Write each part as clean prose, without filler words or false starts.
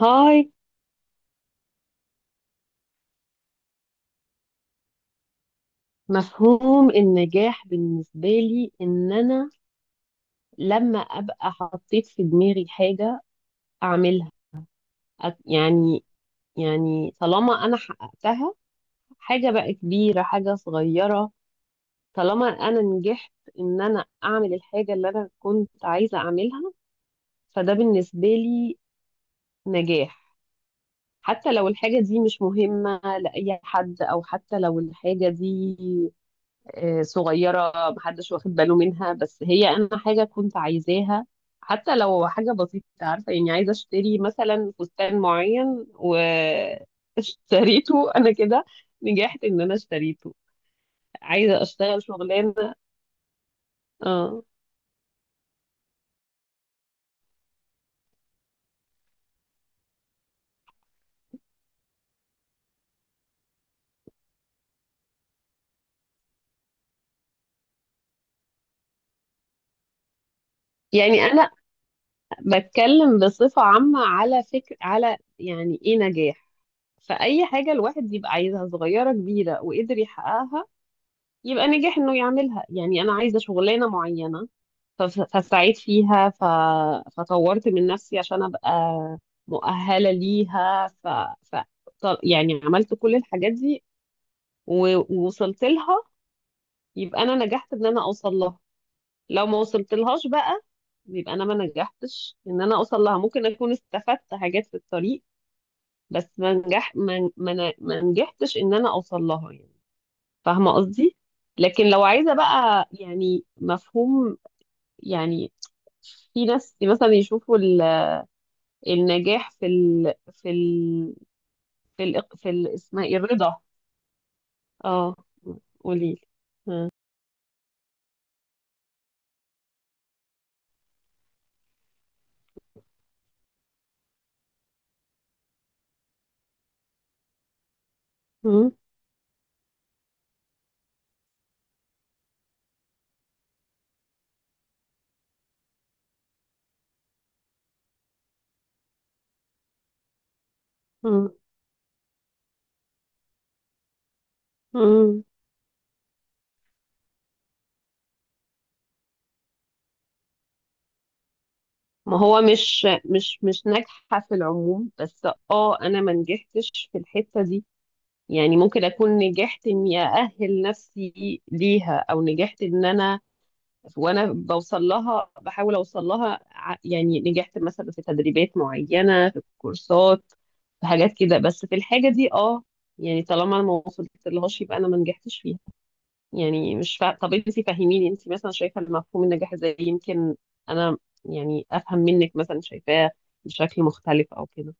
هاي. مفهوم النجاح بالنسبة لي إن أنا لما أبقى حطيت في دماغي حاجة أعملها، أت- يعني يعني طالما أنا حققتها، حاجة بقى كبيرة، حاجة صغيرة، طالما أنا نجحت إن أنا أعمل الحاجة اللي أنا كنت عايزة أعملها، فده بالنسبة لي نجاح. حتى لو الحاجة دي مش مهمة لأي حد، أو حتى لو الحاجة دي آه، صغيرة، محدش واخد باله منها، بس هي أنا حاجة كنت عايزاها. حتى لو حاجة بسيطة، عارفة يعني عايزة أشتري مثلا فستان معين واشتريته أنا كده نجحت إن أنا اشتريته. عايزة أشتغل شغلانة. اه، يعني أنا بتكلم بصفة عامة، على فكر، على يعني إيه نجاح. فأي حاجة الواحد يبقى عايزها، صغيرة كبيرة، وقدر يحققها يبقى نجح انه يعملها. يعني انا عايزه شغلانه معينه، فاستعيد فيها، فطورت من نفسي عشان ابقى مؤهله ليها، ف... يعني عملت كل الحاجات دي و... ووصلت لها. يبقى انا نجحت ان انا اوصل لها. لو ما وصلت لهاش بقى، يبقى انا ما نجحتش ان انا اوصل لها. ممكن اكون استفدت حاجات في الطريق، بس ما نجحتش ان انا اوصل لها، يعني. فاهمة قصدي؟ لكن لو عايزة بقى يعني مفهوم، يعني في ناس مثلا يشوفوا النجاح في ال اسمها ايه، الرضا. اه، قولي. مم، مم، مم. ما هو مش ناجحة في العموم، بس اه، انا ما نجحتش في الحتة دي. يعني ممكن اكون نجحت اني اأهل نفسي ليها، او نجحت ان انا وانا بوصل لها بحاول اوصل لها، يعني نجحت مثلا في تدريبات معينه، في كورسات، في حاجات كده، بس في الحاجه دي، اه، يعني طالما انا ما وصلت لهاش يبقى انا ما نجحتش فيها. يعني مش فا... طب انت فهميني، انت مثلا شايفه المفهوم النجاح ازاي؟ يمكن انا يعني افهم منك، مثلا شايفاه بشكل مختلف او كده.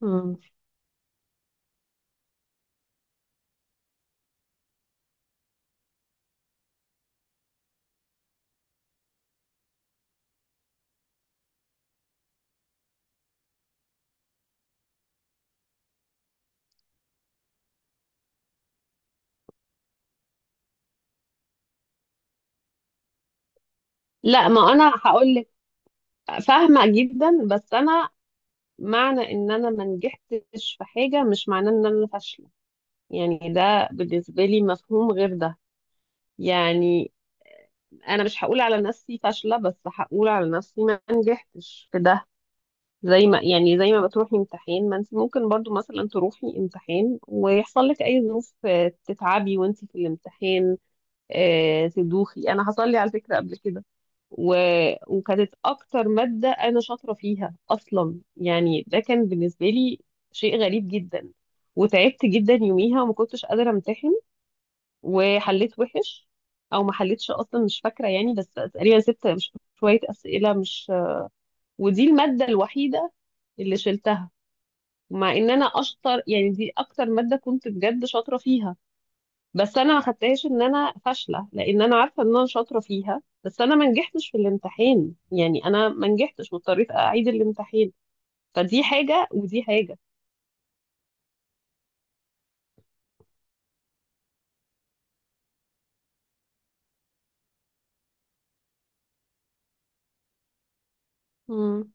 مم. لا، ما انا هقول لك، فاهمه جدا، بس انا معنى ان انا ما نجحتش في حاجه مش معناه ان انا فاشله. يعني ده بالنسبة لي مفهوم غير ده. يعني أنا مش هقول على نفسي فاشلة، بس هقول على نفسي ما نجحتش في ده. زي ما بتروحي امتحان، ما انت ممكن برضو مثلا تروحي امتحان ويحصل لك أي ظروف، آه، تتعبي وانت في الامتحان، آه، تدوخي. أنا حصل لي على فكرة قبل كده، و... وكانت أكتر مادة أنا شاطرة فيها أصلا، يعني ده كان بالنسبة لي شيء غريب جدا. وتعبت جدا يوميها وما كنتش قادرة أمتحن، وحليت وحش، او ما حليتش اصلا، مش فاكره، يعني بس تقريبا سبت، مش شويه اسئله، مش ودي الماده الوحيده اللي شلتها، مع ان انا اشطر، يعني دي اكتر ماده كنت بجد شاطره فيها. بس انا ما خدتهاش ان انا فاشله، لان انا عارفه ان انا شاطره فيها، بس انا ما نجحتش في الامتحان، يعني انا ما نجحتش واضطريت اعيد الامتحان. فدي حاجه ودي حاجه. امم،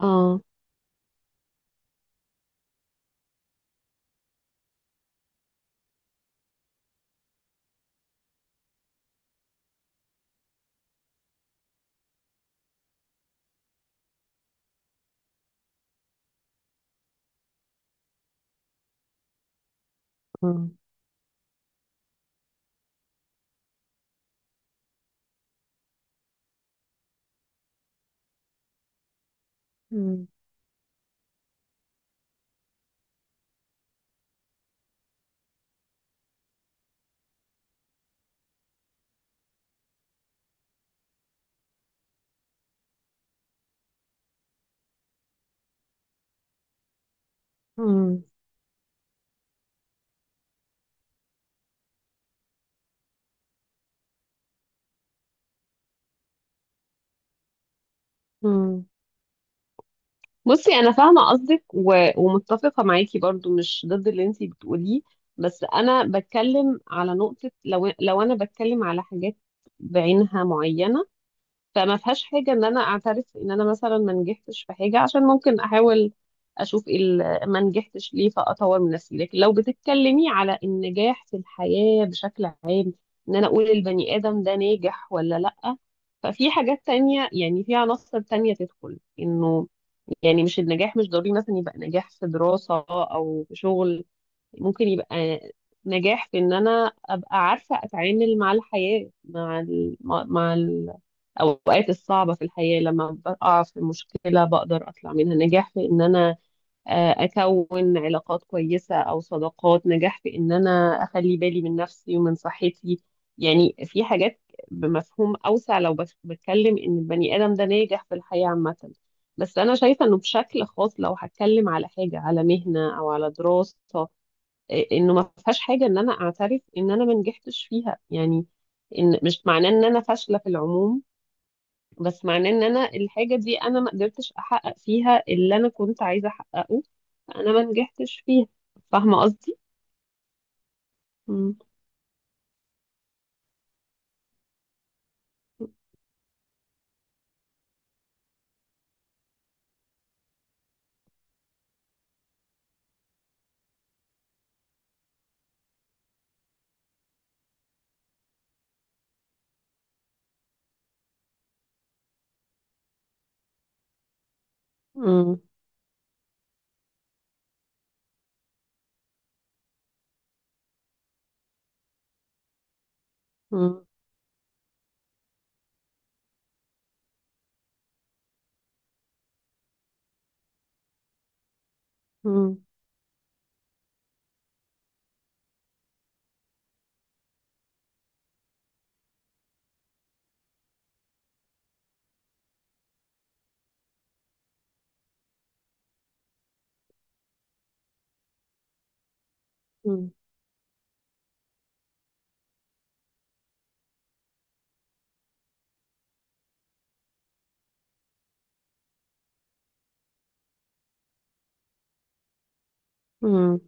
اه، اه، امم، امم. بصي، انا فاهمه قصدك ومتفقه معاكي برضو، مش ضد اللي انتي بتقوليه. بس انا بتكلم على نقطه، لو انا بتكلم على حاجات بعينها معينه، فما فيهاش حاجه ان انا اعترف ان انا مثلا ما نجحتش في حاجه، عشان ممكن احاول اشوف إيه ما نجحتش ليه، فاطور من نفسي. لكن لو بتتكلمي على النجاح في الحياه بشكل عام، ان انا اقول البني ادم ده ناجح ولا لا، ففي حاجات تانية، يعني في عناصر تانية تدخل انه، يعني مش النجاح مش ضروري مثلا يبقى نجاح في دراسة أو في شغل. ممكن يبقى نجاح في إن أنا أبقى عارفة أتعامل مع الحياة، مع ال... مع مع الأوقات الصعبة في الحياة، لما بقع في مشكلة بقدر أطلع منها. نجاح في إن أنا آه، اكون علاقات كويسه او صداقات. نجاح في ان انا اخلي بالي من نفسي ومن صحتي. يعني في حاجات بمفهوم اوسع، لو بتكلم ان البني ادم ده ناجح في الحياه عامه. بس انا شايفه انه بشكل خاص، لو هتكلم على حاجه، على مهنه او على دراسه، آه، انه ما فيهاش حاجه ان انا اعترف ان انا ما نجحتش فيها. يعني ان مش معناه ان انا فاشله في العموم، بس معناه ان انا الحاجه دي انا ما قدرتش احقق فيها اللي انا كنت عايزه احققه. انا ما نجحتش فيها. فاهمه قصدي؟ مم. مم. مم. مم. مم. مم.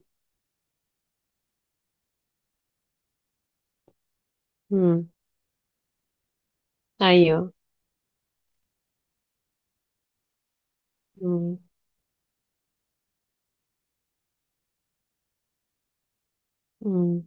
مم. ايوه. مم. مم.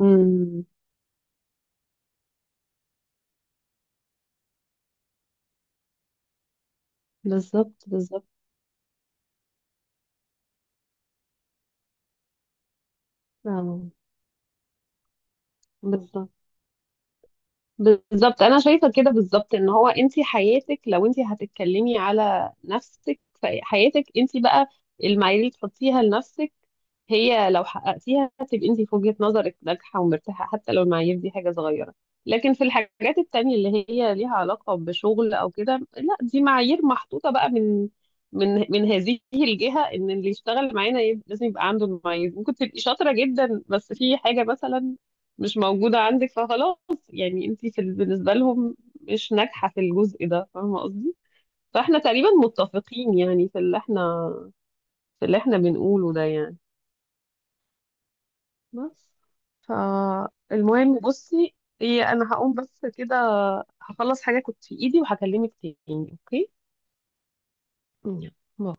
مم. بالظبط، بالظبط. آه. بالظبط، بالظبط. انا شايفه كده بالظبط، ان هو انت حياتك، لو انت هتتكلمي على نفسك فحياتك انت بقى، المعايير اللي تحطيها لنفسك، هي لو حققتيها هتبقي انت في وجهه نظرك ناجحه ومرتاحه، حتى لو المعايير دي حاجه صغيره. لكن في الحاجات التانية اللي هي ليها علاقه بشغل او كده، لا، دي معايير محطوطه بقى من هذه الجهه، ان اللي يشتغل معانا لازم يبقى عنده المعايير. ممكن تبقي شاطره جدا، بس في حاجه مثلا مش موجودة عندك، فخلاص، يعني انت في بالنسبة لهم مش ناجحة في الجزء ده. فاهمة قصدي؟ فاحنا تقريبا متفقين، يعني في اللي احنا بنقوله ده، يعني بس. فالمهم بصي، ايه، انا هقوم بس كده، هخلص حاجة كنت في ايدي وهكلمك تاني، اوكي؟ يلا، باي.